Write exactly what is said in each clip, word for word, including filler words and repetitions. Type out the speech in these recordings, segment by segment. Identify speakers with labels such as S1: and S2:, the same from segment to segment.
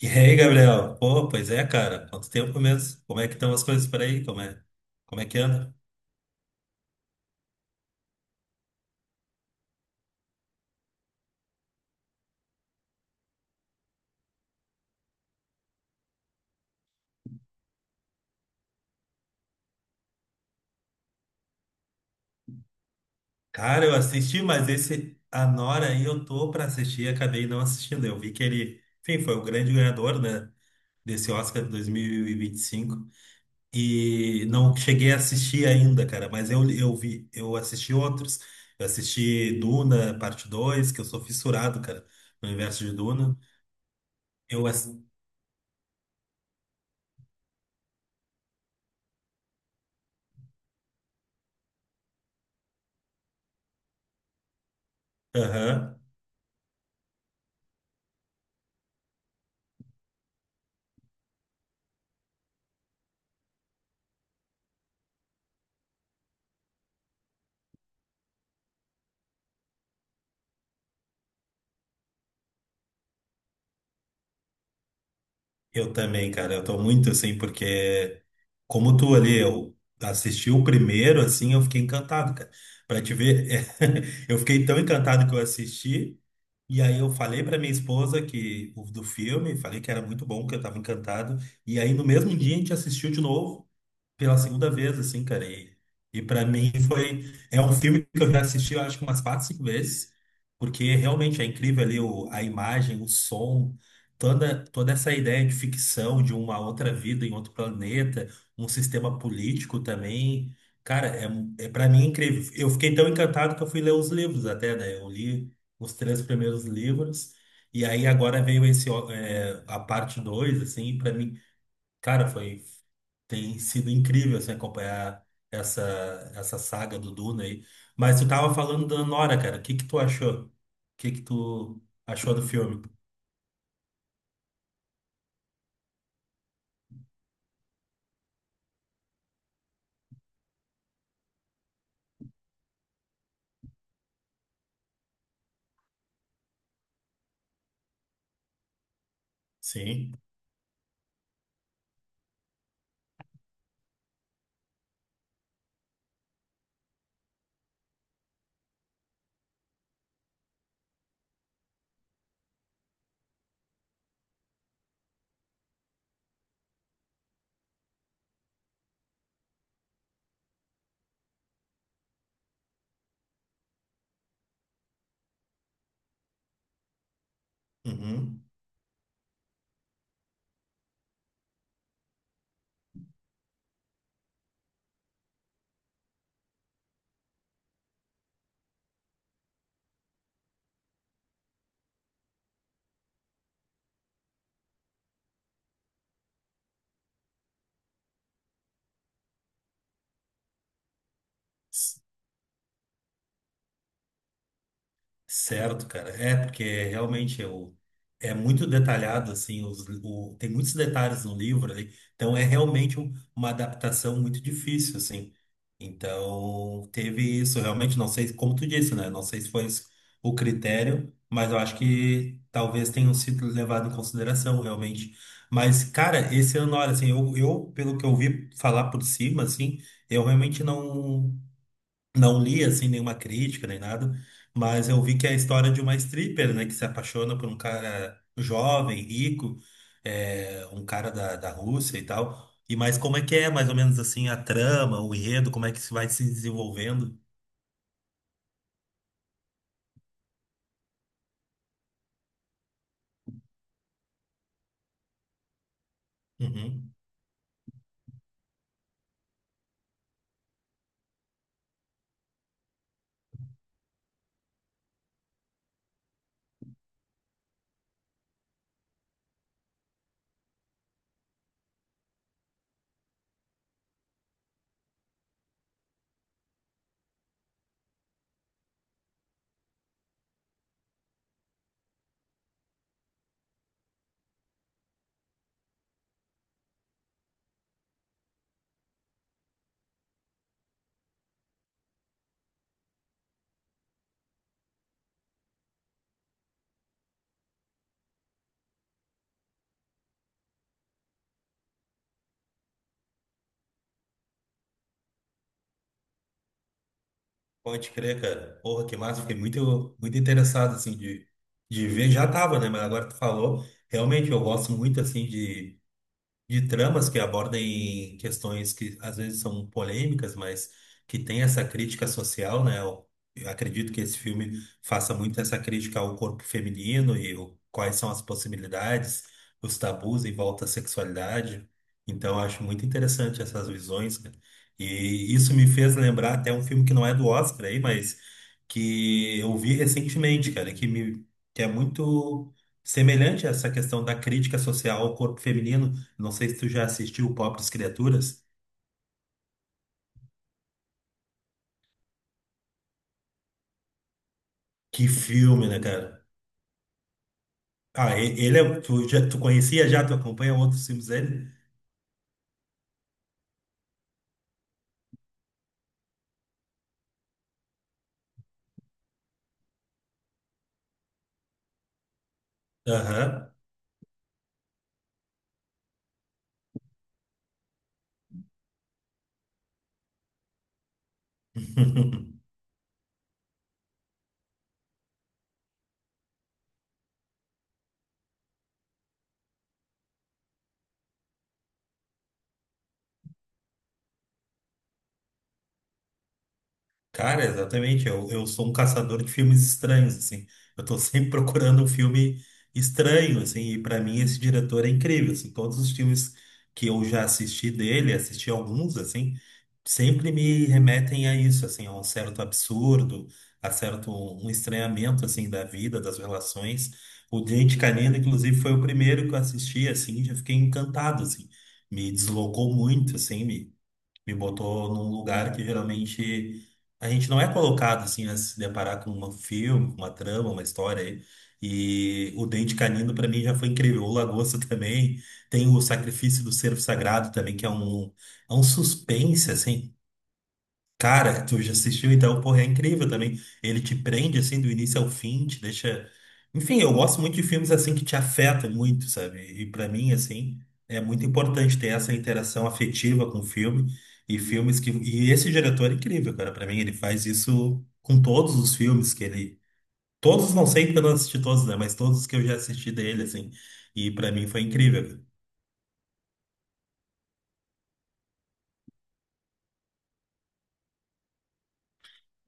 S1: E aí, Gabriel? Pô, pois é, cara. Quanto tempo mesmo? Como é que estão as coisas por aí? Como é, como é que anda? Cara, eu assisti, mas esse Anora aí eu tô pra assistir e acabei não assistindo. Eu vi que ele, enfim, foi o grande ganhador, né, desse Oscar de dois mil e vinte e E cinco. E não cheguei a assistir ainda, cara, mas eu, eu vi, eu assisti outros. Eu assisti Duna, parte dois, que eu sou fissurado, cara, no universo de Duna. Eu assisti. Eu também, cara. Eu tô muito assim, porque como tu ali, eu assisti o primeiro, assim, eu fiquei encantado, cara. Pra te ver, eu fiquei tão encantado que eu assisti, e aí eu falei pra minha esposa que o do filme, falei que era muito bom, que eu tava encantado. E aí no mesmo dia a gente assistiu de novo, pela segunda vez, assim, cara. E, e para mim foi. É um filme que eu já assisti, eu acho que umas quatro, cinco vezes, porque realmente é incrível ali o, a imagem, o som toda, toda essa ideia de ficção de uma outra vida em outro planeta, um sistema político também, cara, é, é para mim incrível. Eu fiquei tão encantado que eu fui ler os livros até, né? Eu li os três primeiros livros e aí agora veio esse ó, é, a parte dois assim, para mim, cara, foi tem sido incrível assim, acompanhar essa essa saga do Duna aí. Mas tu tava falando da Nora, cara. O que que tu achou? O que que tu achou do filme? Sim. Uhum. C- Certo, cara. É, porque realmente eu, é muito detalhado, assim, os, o, tem muitos detalhes no livro ali, então é realmente um- uma adaptação muito difícil, assim. Então, teve isso, realmente, não sei, como tu disse, né? Não sei se foi esse o critério, mas eu acho que talvez tenham sido levado em consideração, realmente. Mas, cara, esse ano, olha, assim, eu, eu, pelo que eu ouvi falar por cima, assim, eu realmente não. Não li assim nenhuma crítica nem nada, mas eu vi que é a história de uma stripper, né, que se apaixona por um cara jovem, rico, é, um cara da, da, Rússia e tal. E mas como é que é, mais ou menos assim, a trama, o enredo, como é que isso vai se desenvolvendo? Uhum. Pode crer, cara. Porra, que massa. Fiquei muito, muito interessado, assim, de, de ver. Já tava, né? Mas agora tu falou. Realmente, eu gosto muito, assim, de de tramas que abordem questões que às vezes são polêmicas, mas que tem essa crítica social, né? Eu eu acredito que esse filme faça muito essa crítica ao corpo feminino e o, quais são as possibilidades, os tabus em volta à sexualidade. Então, eu acho muito interessante essas visões, cara. E isso me fez lembrar até um filme que não é do Oscar aí, mas que eu vi recentemente, cara, que me que é muito semelhante a essa questão da crítica social ao corpo feminino, não sei se tu já assistiu Pobres Criaturas. Que filme, né, cara? Ah, e- ele é. Tu, já, tu conhecia já? Tu acompanha outros filmes dele? Aham. Cara, exatamente. Eu, eu sou um caçador de filmes estranhos, assim. Eu tô sempre procurando um filme estranho, assim. E pra mim esse diretor é incrível, assim. Todos os filmes que eu já assisti dele, assisti alguns, assim, sempre me remetem a isso, assim, a um certo absurdo, a certo um estranhamento, assim, da vida, das relações. O Dente Canino, inclusive, foi o primeiro que eu assisti, assim, e já fiquei encantado, assim. Me deslocou muito, assim, me botou num lugar que geralmente a gente não é colocado assim a se deparar com um filme, com uma trama, uma história. aí. E o Dente Canino para mim já foi incrível. O Lagosta também tem o Sacrifício do Cervo Sagrado também, que é um é um suspense assim. Cara, tu já assistiu, então, porra, é incrível também. Ele te prende, assim, do início ao fim, te deixa... Enfim, eu gosto muito de filmes, assim, que te afetam muito, sabe? E pra mim, assim, é muito importante ter essa interação afetiva com o filme e filmes que... E esse diretor é incrível, cara. Pra mim, ele faz isso com todos os filmes que ele... Todos, não sei porque eu não assisti todos, né? Mas todos que eu já assisti dele, assim. E pra mim foi incrível, cara.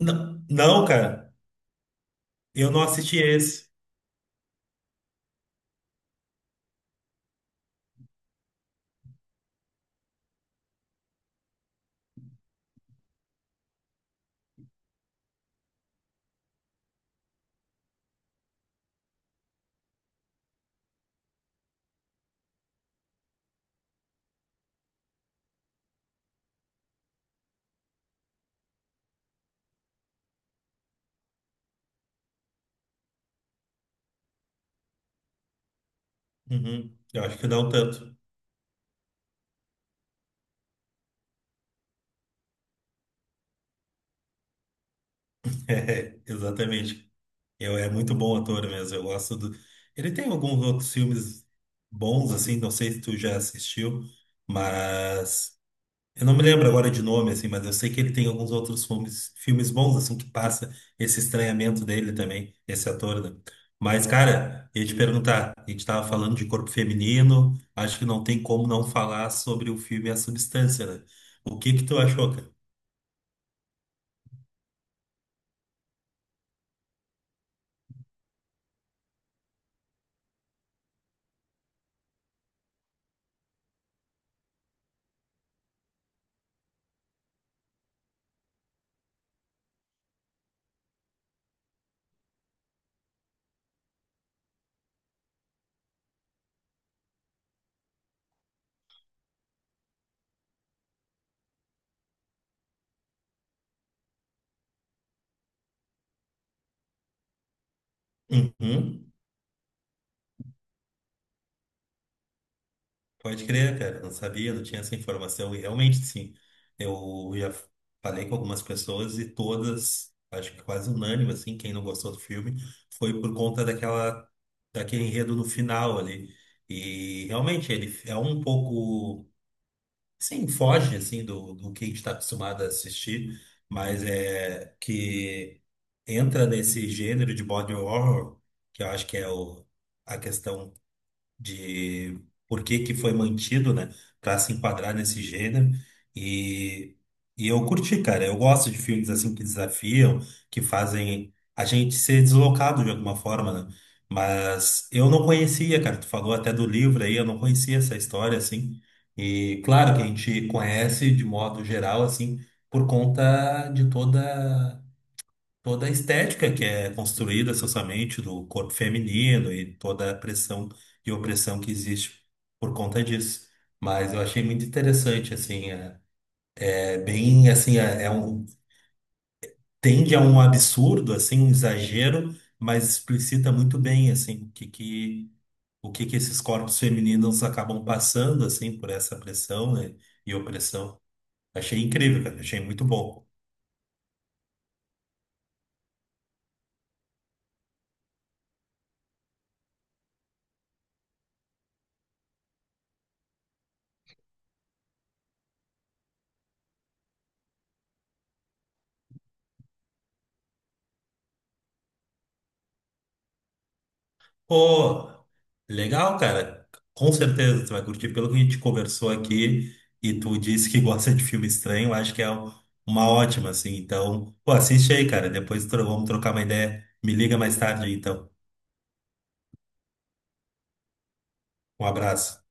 S1: Não, não, cara. Eu não assisti esse. Uhum. Eu acho que não tanto. É, exatamente. Eu, é muito bom ator mesmo. Eu gosto do. Ele tem alguns outros filmes bons, assim, não sei se tu já assistiu, mas eu não me lembro agora de nome, assim, mas eu sei que ele tem alguns outros filmes, filmes bons, assim, que passa esse estranhamento dele também, esse ator, né? Mas, cara, eu ia te perguntar, a gente tava falando de corpo feminino, acho que não tem como não falar sobre o filme A Substância, né? O que que tu achou, cara? Uhum. Pode crer, cara, eu não sabia, não tinha essa informação. E realmente, sim, eu já falei com algumas pessoas e todas, acho que quase unânime, assim, quem não gostou do filme, foi por conta daquela, daquele enredo no final ali. E realmente, ele é um pouco, sim, foge, assim, do, do que a gente está acostumado a assistir, mas é que entra nesse gênero de body horror, que eu acho que é o, a questão de por que que foi mantido, né, para se enquadrar nesse gênero. E, e eu curti, cara. Eu gosto de filmes assim que desafiam, que fazem a gente ser deslocado de alguma forma, né? Mas eu não conhecia, cara. Tu falou até do livro aí, eu não conhecia essa história assim. E claro que a gente conhece de modo geral assim por conta de toda toda a estética que é construída socialmente do corpo feminino e toda a pressão e opressão que existe por conta disso. Mas eu achei muito interessante, assim, é, é bem, assim, é, é um, tende a um absurdo, assim, um exagero, mas explicita muito bem, assim, o que que, o que que esses corpos femininos acabam passando, assim, por essa pressão, né, e opressão. Achei incrível, cara, achei muito bom. Pô, legal, cara. Com certeza tu vai curtir. Pelo que a gente conversou aqui e tu disse que gosta de filme estranho, acho que é um- uma ótima, assim. Então, pô, assiste aí, cara. Depois tro- vamos trocar uma ideia. Me liga mais tarde, aí, então. Um abraço.